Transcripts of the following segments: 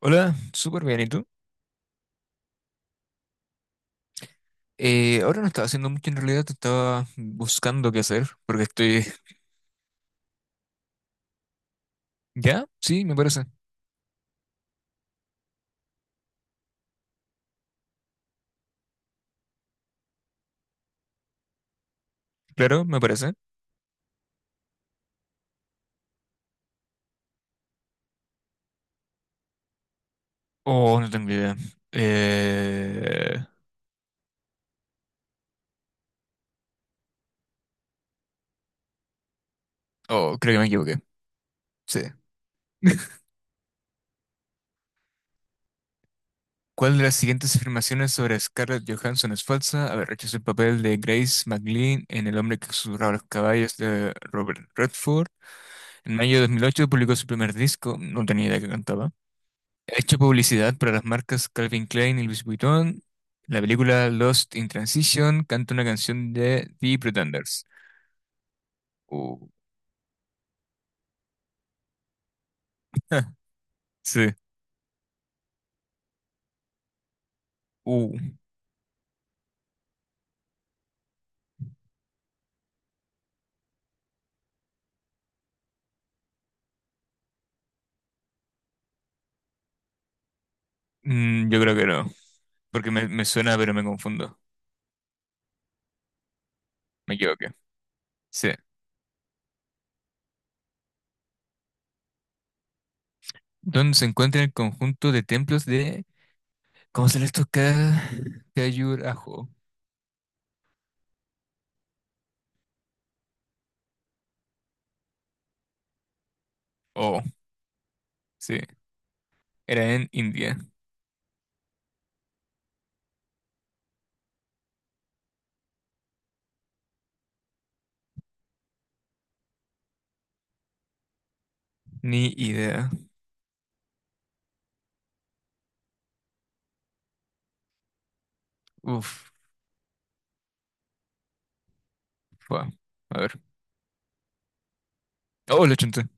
Hola, súper bien, ¿y tú? Ahora no estaba haciendo mucho en realidad, te estaba buscando qué hacer, porque estoy... ¿Ya? Sí, me parece. Claro, me parece. Oh, no tengo idea. Eh... Oh, creo que me equivoqué. Sí. ¿Cuál de las siguientes afirmaciones sobre Scarlett Johansson es falsa? Haber hecho el papel de Grace McLean en El hombre que susurraba a los caballos de Robert Redford. En mayo de dos mil ocho publicó su primer disco, no tenía idea que cantaba. Ha hecho publicidad para las marcas Calvin Klein y Louis Vuitton. La película Lost in Transition canta una canción de The Pretenders. Uh, sí. Uh, yo creo que no, porque me suena, pero me confundo. Me equivoqué. Sí. Donde se encuentra el conjunto de templos de... ¿Cómo se les toca? Cayurajo. Oh, sí. Era en India. Ni idea. Uf. Fua. A ver. Oh, lo chunté.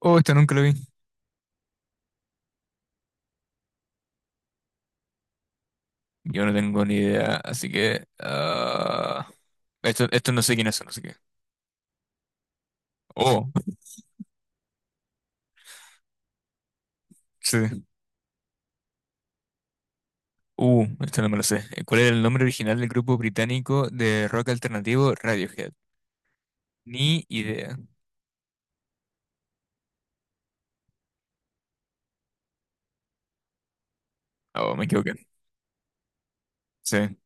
Oh, esta nunca lo vi. Yo no tengo ni idea, así que... ah, esto no sé quiénes son, así que... Oh, sí. Esto no me lo sé. ¿Cuál era el nombre original del grupo británico de rock alternativo Radiohead? Ni idea. Oh, me equivoqué. Sí.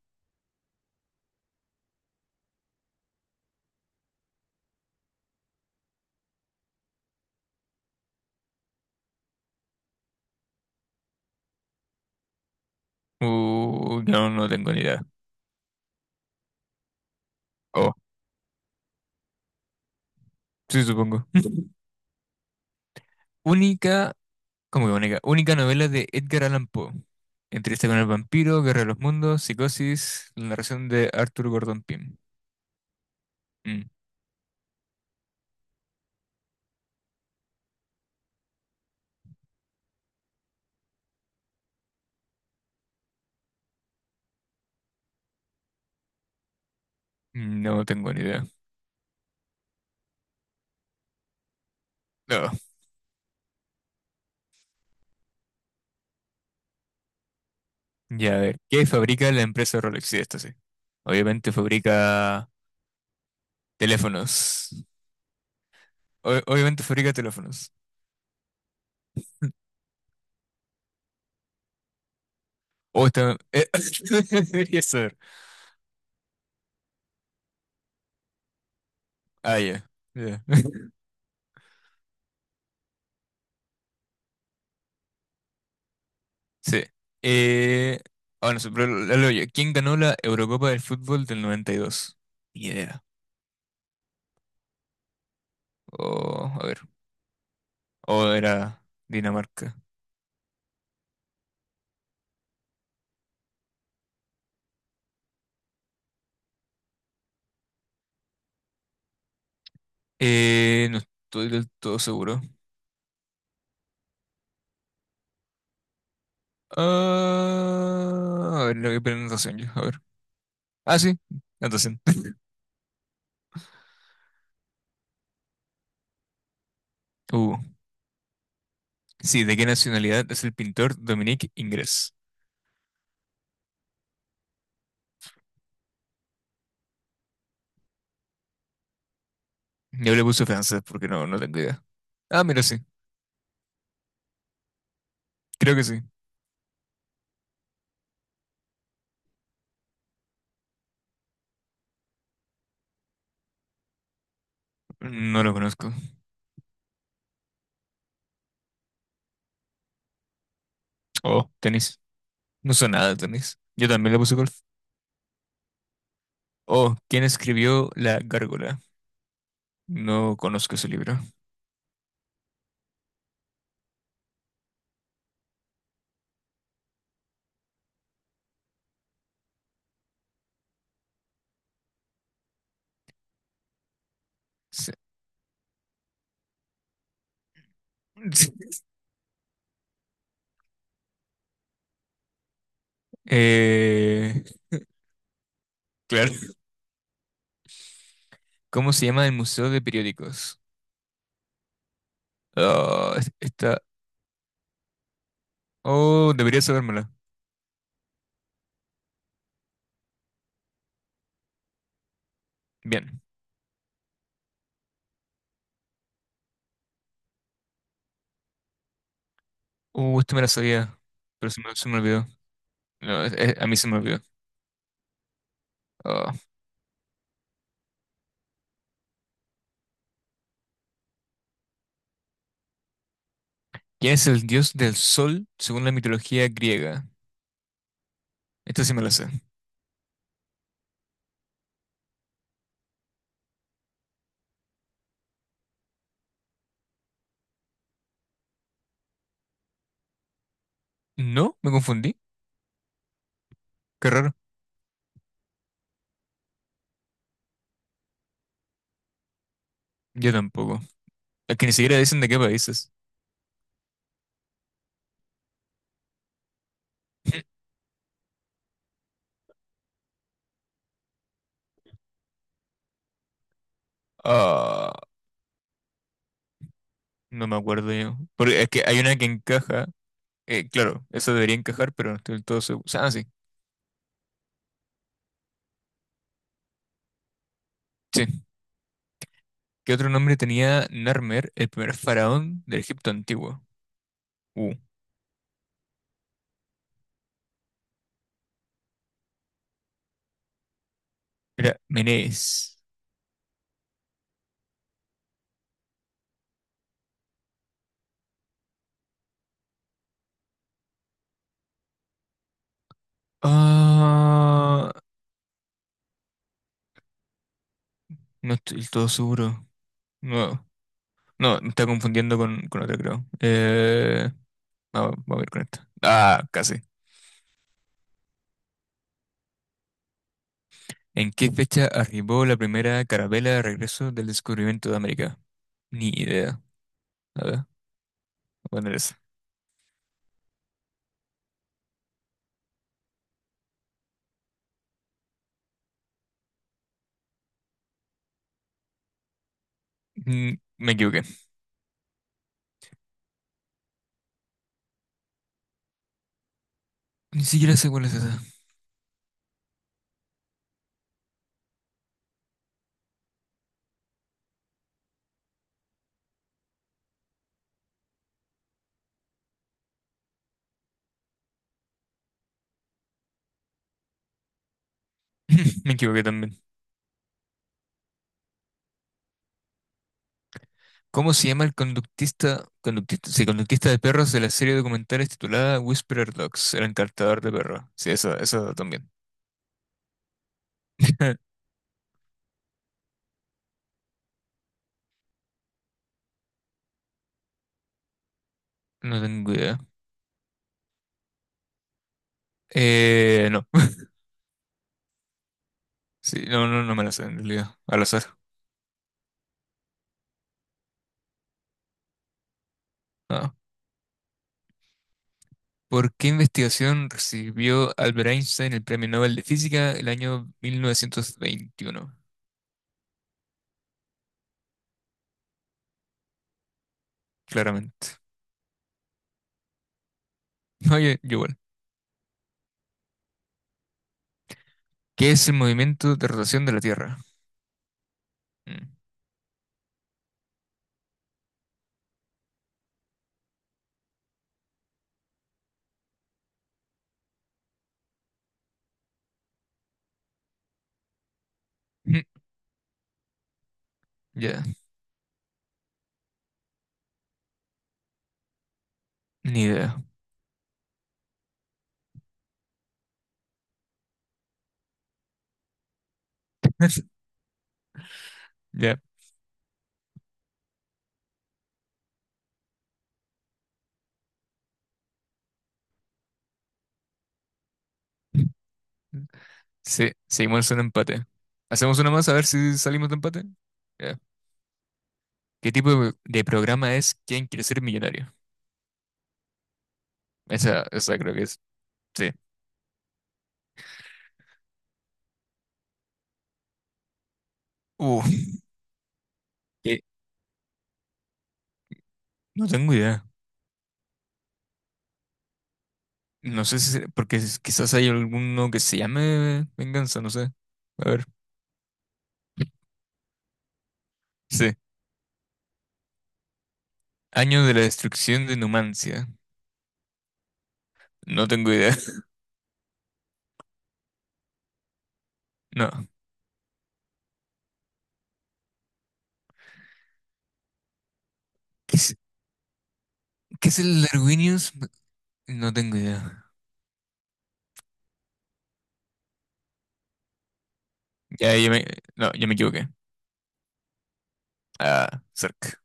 No tengo ni idea. Oh, sí, supongo. Única... ¿Cómo que única? Única novela de Edgar Allan Poe. Entrevista con el vampiro, Guerra de los Mundos, Psicosis, la narración de Arthur Gordon Pym. Mm, no tengo ni idea. No. Ya, a ver, ¿qué fabrica la empresa Rolex? Sí, esto sí. Obviamente fabrica teléfonos. Obviamente fabrica teléfonos. O está... debería saber. Ah, ya. Ya. Sí. Eh... Ah, no sé, pero la leo yo. ¿Quién ganó la Eurocopa del fútbol del 92? Ni idea. O, a ver. O era Dinamarca. No estoy del todo seguro. Ah, a ver, le voy a poner anotación yo. A ver. Ah, sí. Anotación. Uh. Sí, ¿de qué nacionalidad es el pintor Dominique Ingres? Yo le puse francés porque no tengo idea. Ah, mira, sí. Creo que sí. No lo conozco. Oh, tenis. No sé nada de tenis. Yo también le puse golf. Oh, ¿quién escribió La Gárgola? No conozco ese libro. Sí. Eh, claro. ¿Cómo se llama el Museo de Periódicos? Está... Oh, debería sabérmela. Bien. Esto me la sabía, pero se me olvidó. No, a mí se me olvidó. Oh. ¿Quién es el dios del sol según la mitología griega? Esta sí me la sé. No, me confundí. Qué raro. Yo tampoco. Es que ni siquiera dicen de qué países. Ah, no me acuerdo yo. Porque es que hay una que encaja. Claro, esa debería encajar, pero no estoy del todo seguro. Ah, sí. Sí. ¿Qué otro nombre tenía Narmer, el primer faraón del Egipto antiguo? Uh, Era Menes. Ah, no estoy del todo seguro. No, no, me está confundiendo con otra, creo. Vamos a ver con esto. Ah, casi. ¿En qué fecha arribó la primera carabela de regreso del descubrimiento de América? Ni idea. A ver, voy a poner esa. Mm, me equivoqué. Ni siquiera sé cuál es esa. Me equivoqué también. ¿Cómo se llama el sí, conductista de perros de la serie documental titulada Whisperer Dogs, el encantador de perros? Sí, eso también. No tengo idea. No. Sí, no me la sé en realidad. Al azar. Ah. ¿Por qué investigación recibió Albert Einstein el Premio Nobel de Física el año 1921? Claramente. Oye, yo igual. ¿Qué es el movimiento de rotación de la Tierra? Mm. Mm, ya, ni idea. Ya. Sí, seguimos en empate. ¿Hacemos una más a ver si salimos de empate? Ya. ¿Qué tipo de programa es ¿Quién quiere ser millonario? Esa creo que es. Sí. Uh, que no tengo idea. No sé si, porque quizás hay alguno que se llame Venganza, no sé. A ver. Sí. Año de la destrucción de Numancia. No tengo idea. No. ¿Qué es, ¿Qué es el Darwinius? No tengo idea. Ya, ya me, no, ya me equivoqué. Ah, cerca.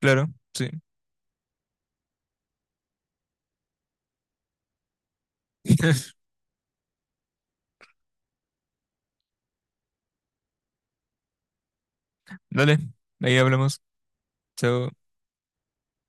Claro, sí. Dale, ahí hablamos. Chao.